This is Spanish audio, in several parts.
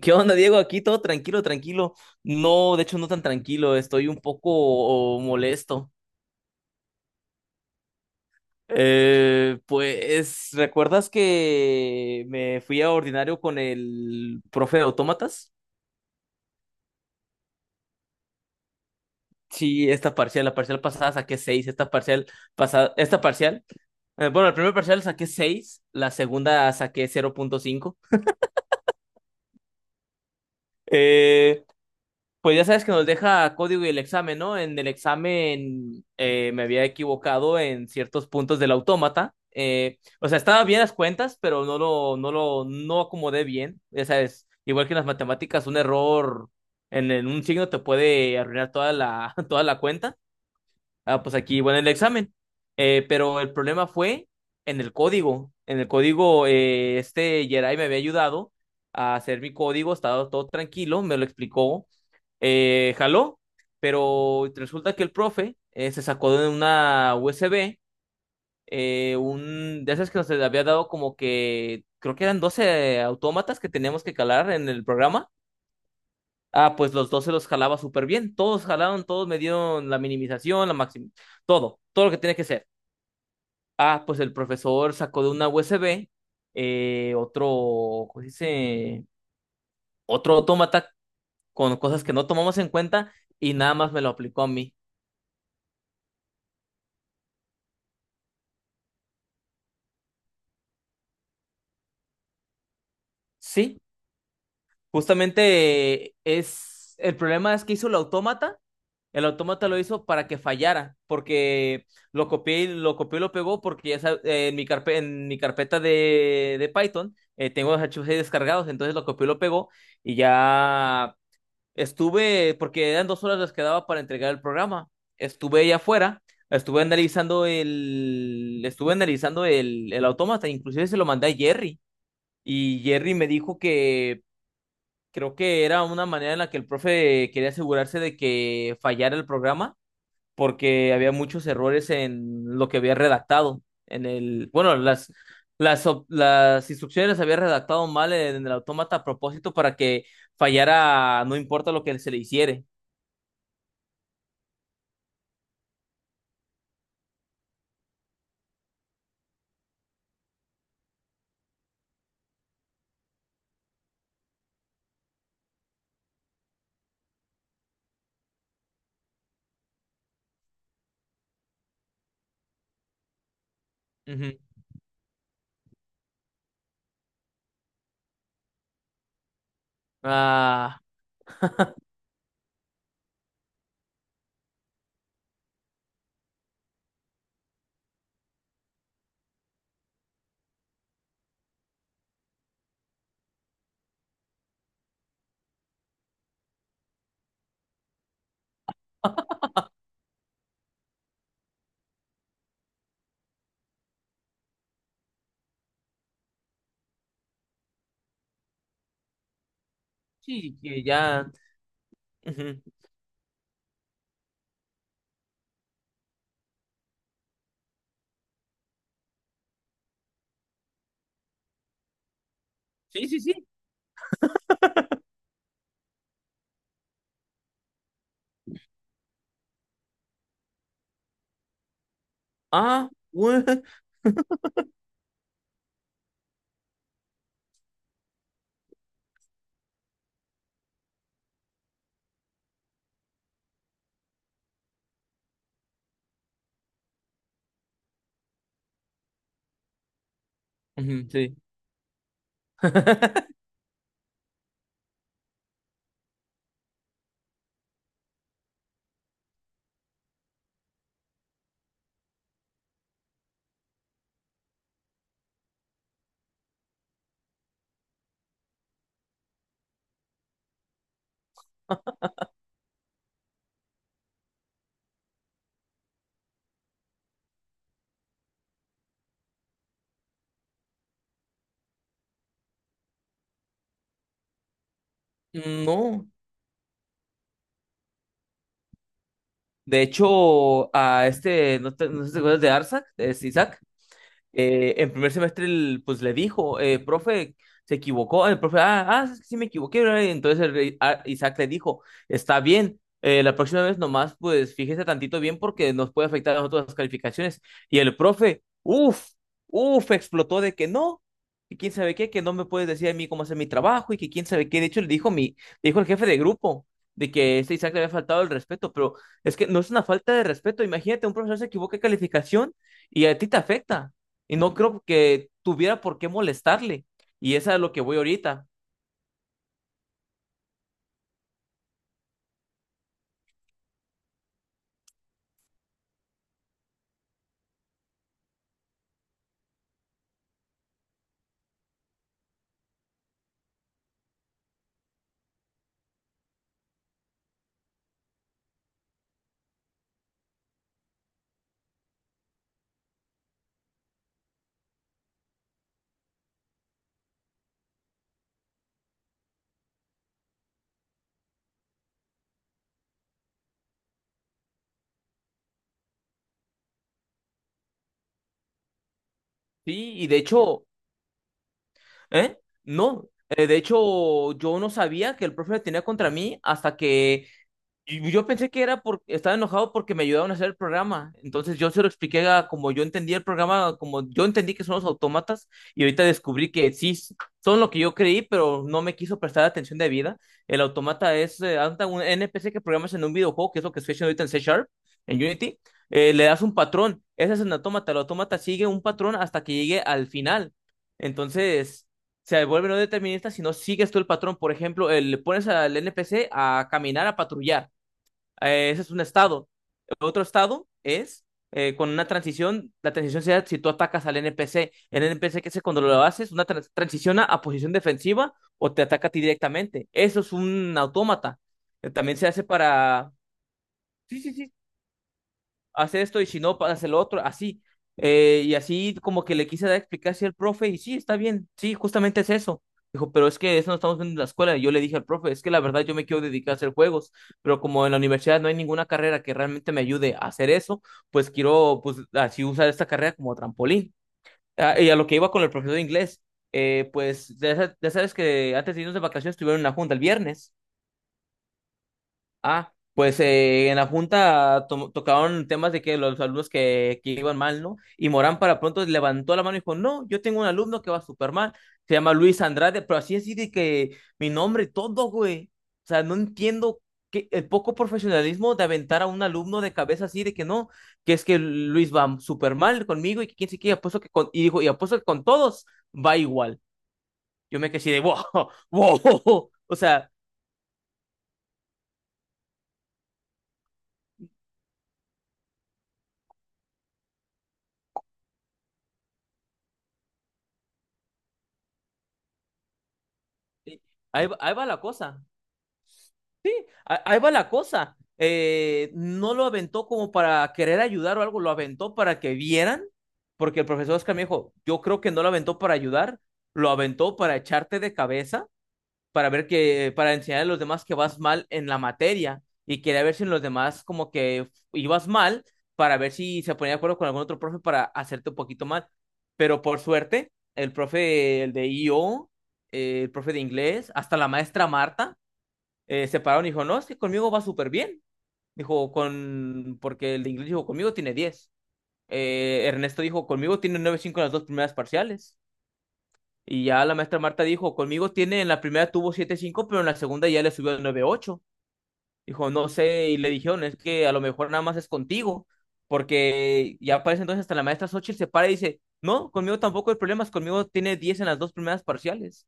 ¿Qué onda, Diego? Aquí todo tranquilo, tranquilo. No, de hecho, no tan tranquilo. Estoy un poco oh, molesto. Pues, ¿recuerdas que me fui a ordinario con el profe de autómatas? Sí, esta parcial, la parcial pasada saqué seis, esta parcial pasada, esta parcial, bueno, el primer parcial saqué seis, la segunda saqué 0.5. Pues ya sabes que nos deja código y el examen, ¿no? En el examen me había equivocado en ciertos puntos del autómata. O sea, estaba bien las cuentas, pero no acomodé bien. Ya sabes, igual que en las matemáticas, un error en un signo te puede arruinar toda toda la cuenta. Ah, pues aquí, bueno, el examen. Pero el problema fue en el código. En el código, este Jedi me había ayudado a hacer mi código, estaba todo tranquilo, me lo explicó. Jaló, pero resulta que el profe se sacó de una USB, un de esas que nos había dado como que, creo que eran 12 autómatas que teníamos que calar en el programa. Ah, pues los dos se los jalaba súper bien. Todos jalaron, todos me dieron la minimización, la máxima, todo, todo lo que tiene que ser. Ah, pues el profesor sacó de una USB otro, ¿cómo se dice? Otro autómata con cosas que no tomamos en cuenta y nada más me lo aplicó a mí. Sí, justamente el problema es que hizo el autómata. El autómata lo hizo para que fallara, porque lo copió y lo pegó, porque en en mi carpeta de Python, tengo los archivos ahí descargados, entonces lo copió y lo pegó y ya estuve, porque eran dos horas las que daba para entregar el programa. Estuve ahí afuera, estuve analizando el autómata, inclusive se lo mandé a Jerry y Jerry me dijo que creo que era una manera en la que el profe quería asegurarse de que fallara el programa porque había muchos errores en lo que había redactado. Bueno, las instrucciones las había redactado mal en el autómata a propósito para que fallara, no importa lo que se le hiciere. Ujú. Ah, sí, que ya. Ujú. Sí, sí, sí. Ah, bueno. Ujú, sí. No. De hecho, a este, no sé si te acuerdas de Arsak. ¿Es Isaac? En primer semestre pues le dijo, profe, se equivocó. El profe, ah, ah, sí me equivoqué, ¿verdad? Y entonces Isaac le dijo, está bien, la próxima vez nomás, pues fíjese tantito bien porque nos puede afectar a nosotros las calificaciones. Y el profe, uff, uff, explotó de que no. Y quién sabe qué, que no me puedes decir a mí cómo hacer mi trabajo y que quién sabe qué. De hecho, le dijo el jefe de grupo de que este Isaac le había faltado el respeto, pero es que no es una falta de respeto. Imagínate, un profesor se equivoca de calificación y a ti te afecta. Y no creo que tuviera por qué molestarle. Y esa es lo que voy ahorita. Sí, y de hecho. ¿Eh? No. De hecho, yo no sabía que el profe tenía contra mí hasta que. Y yo pensé que era porque estaba enojado porque me ayudaron a hacer el programa. Entonces yo se lo expliqué a como yo entendía el programa, como yo entendí que son los autómatas, y ahorita descubrí que sí son lo que yo creí, pero no me quiso prestar atención de vida. El automata es anda un NPC que programas en un videojuego, que es lo que estoy haciendo ahorita en C Sharp, en Unity. Le das un patrón. Ese es un autómata. El autómata sigue un patrón hasta que llegue al final. Entonces se vuelve no determinista si no sigues tú el patrón. Por ejemplo, le pones al NPC a caminar, a patrullar. Ese es un estado. El otro estado es con una transición. La transición se da si tú atacas al NPC. El NPC, que es cuando lo haces, una transiciona a posición defensiva o te ataca a ti directamente. Eso es un autómata. También se hace para. Sí, sí, sí, haz esto y si no, haz el otro, así. Y así como que le quise dar explicación al profe y sí, está bien, sí, justamente es eso. Dijo, pero es que eso no estamos viendo en la escuela. Y yo le dije al profe, es que la verdad yo me quiero dedicar a hacer juegos, pero como en la universidad no hay ninguna carrera que realmente me ayude a hacer eso, pues quiero pues así usar esta carrera como trampolín. Ah, y a lo que iba con el profesor de inglés, pues ya sabes que antes de irnos de vacaciones tuvieron una junta el viernes. Ah, pues en la junta tocaron temas de que los alumnos que iban mal, ¿no? Y Morán para pronto levantó la mano y dijo, no, yo tengo un alumno que va súper mal, se llama Luis Andrade, pero así así de que mi nombre, y todo, güey. O sea, no entiendo que, el poco profesionalismo de aventar a un alumno de cabeza así de que no, que es que Luis va súper mal conmigo y que quién sé qué, y apuesto que con, y dijo, y apuesto que con todos va igual. Yo me quedé así de, wow, wow, o sea, ahí va la cosa. Sí, ahí va la cosa. No lo aventó como para querer ayudar o algo, lo aventó para que vieran, porque el profesor Oscar me dijo, yo creo que no lo aventó para ayudar, lo aventó para echarte de cabeza, para ver que, para enseñar a los demás que vas mal en la materia y quería ver si en los demás como que ibas mal, para ver si se ponía de acuerdo con algún otro profe para hacerte un poquito mal. Pero por suerte, el profe, el de IO, el profe de inglés, hasta la maestra Marta se pararon y dijo, no, es que conmigo va súper bien. Dijo, con, porque el de inglés dijo, conmigo tiene diez. Ernesto dijo, conmigo tiene nueve cinco en las dos primeras parciales. Y ya la maestra Marta dijo, conmigo tiene, en la primera tuvo siete cinco pero en la segunda ya le subió a nueve ocho. Dijo, no sé, y le dijeron, es que a lo mejor nada más es contigo, porque ya parece entonces hasta la maestra Xochitl se para y dice, no, conmigo tampoco hay problemas, conmigo tiene diez en las dos primeras parciales.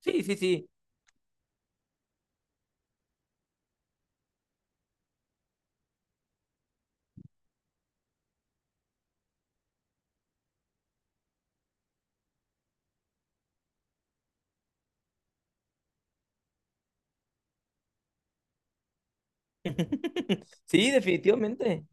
Sí, sí, sí. Sí, definitivamente.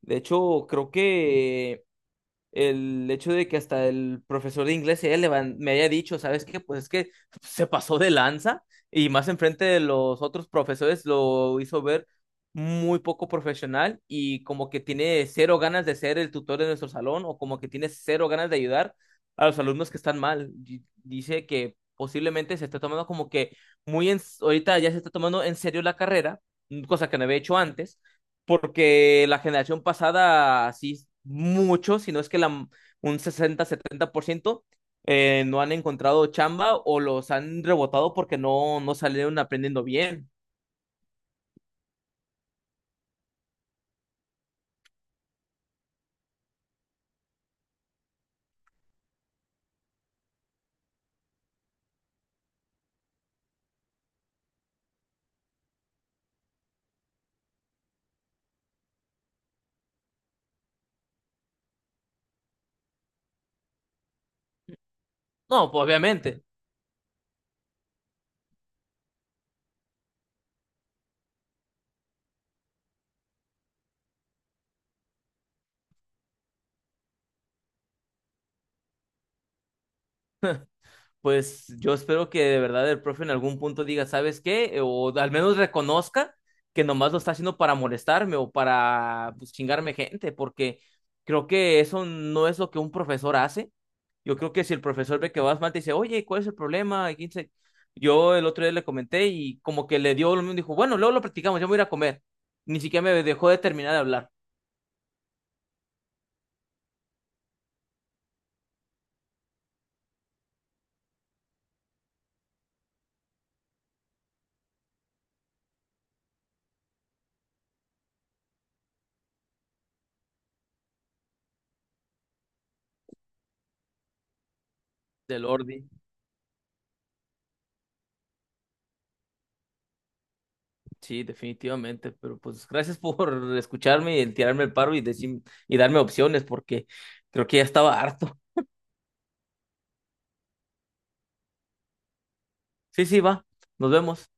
De hecho, creo que el hecho de que hasta el profesor de inglés ella me haya dicho, ¿sabes qué? Pues es que se pasó de lanza y más enfrente de los otros profesores lo hizo ver muy poco profesional y como que tiene cero ganas de ser el tutor de nuestro salón o como que tiene cero ganas de ayudar a los alumnos que están mal. Dice que posiblemente se está tomando como que ahorita ya se está tomando en serio la carrera, cosa que no había hecho antes porque la generación pasada, sí, mucho, si no es que un 60-70%, no han encontrado chamba o los han rebotado porque no, no salieron aprendiendo bien. No, pues obviamente. Pues yo espero que de verdad el profe en algún punto diga, ¿sabes qué? O al menos reconozca que nomás lo está haciendo para molestarme o para pues, chingarme gente, porque creo que eso no es lo que un profesor hace. Yo creo que si el profesor ve que vas mal, te dice, oye, ¿cuál es el problema? Yo el otro día le comenté y como que le dio, lo mismo, dijo, bueno, luego lo practicamos, yo me voy a ir a comer. Ni siquiera me dejó de terminar de hablar del Ordi. Sí, definitivamente, pero pues gracias por escucharme y tirarme el paro y decir y darme opciones porque creo que ya estaba harto. Sí, sí, va. Nos vemos.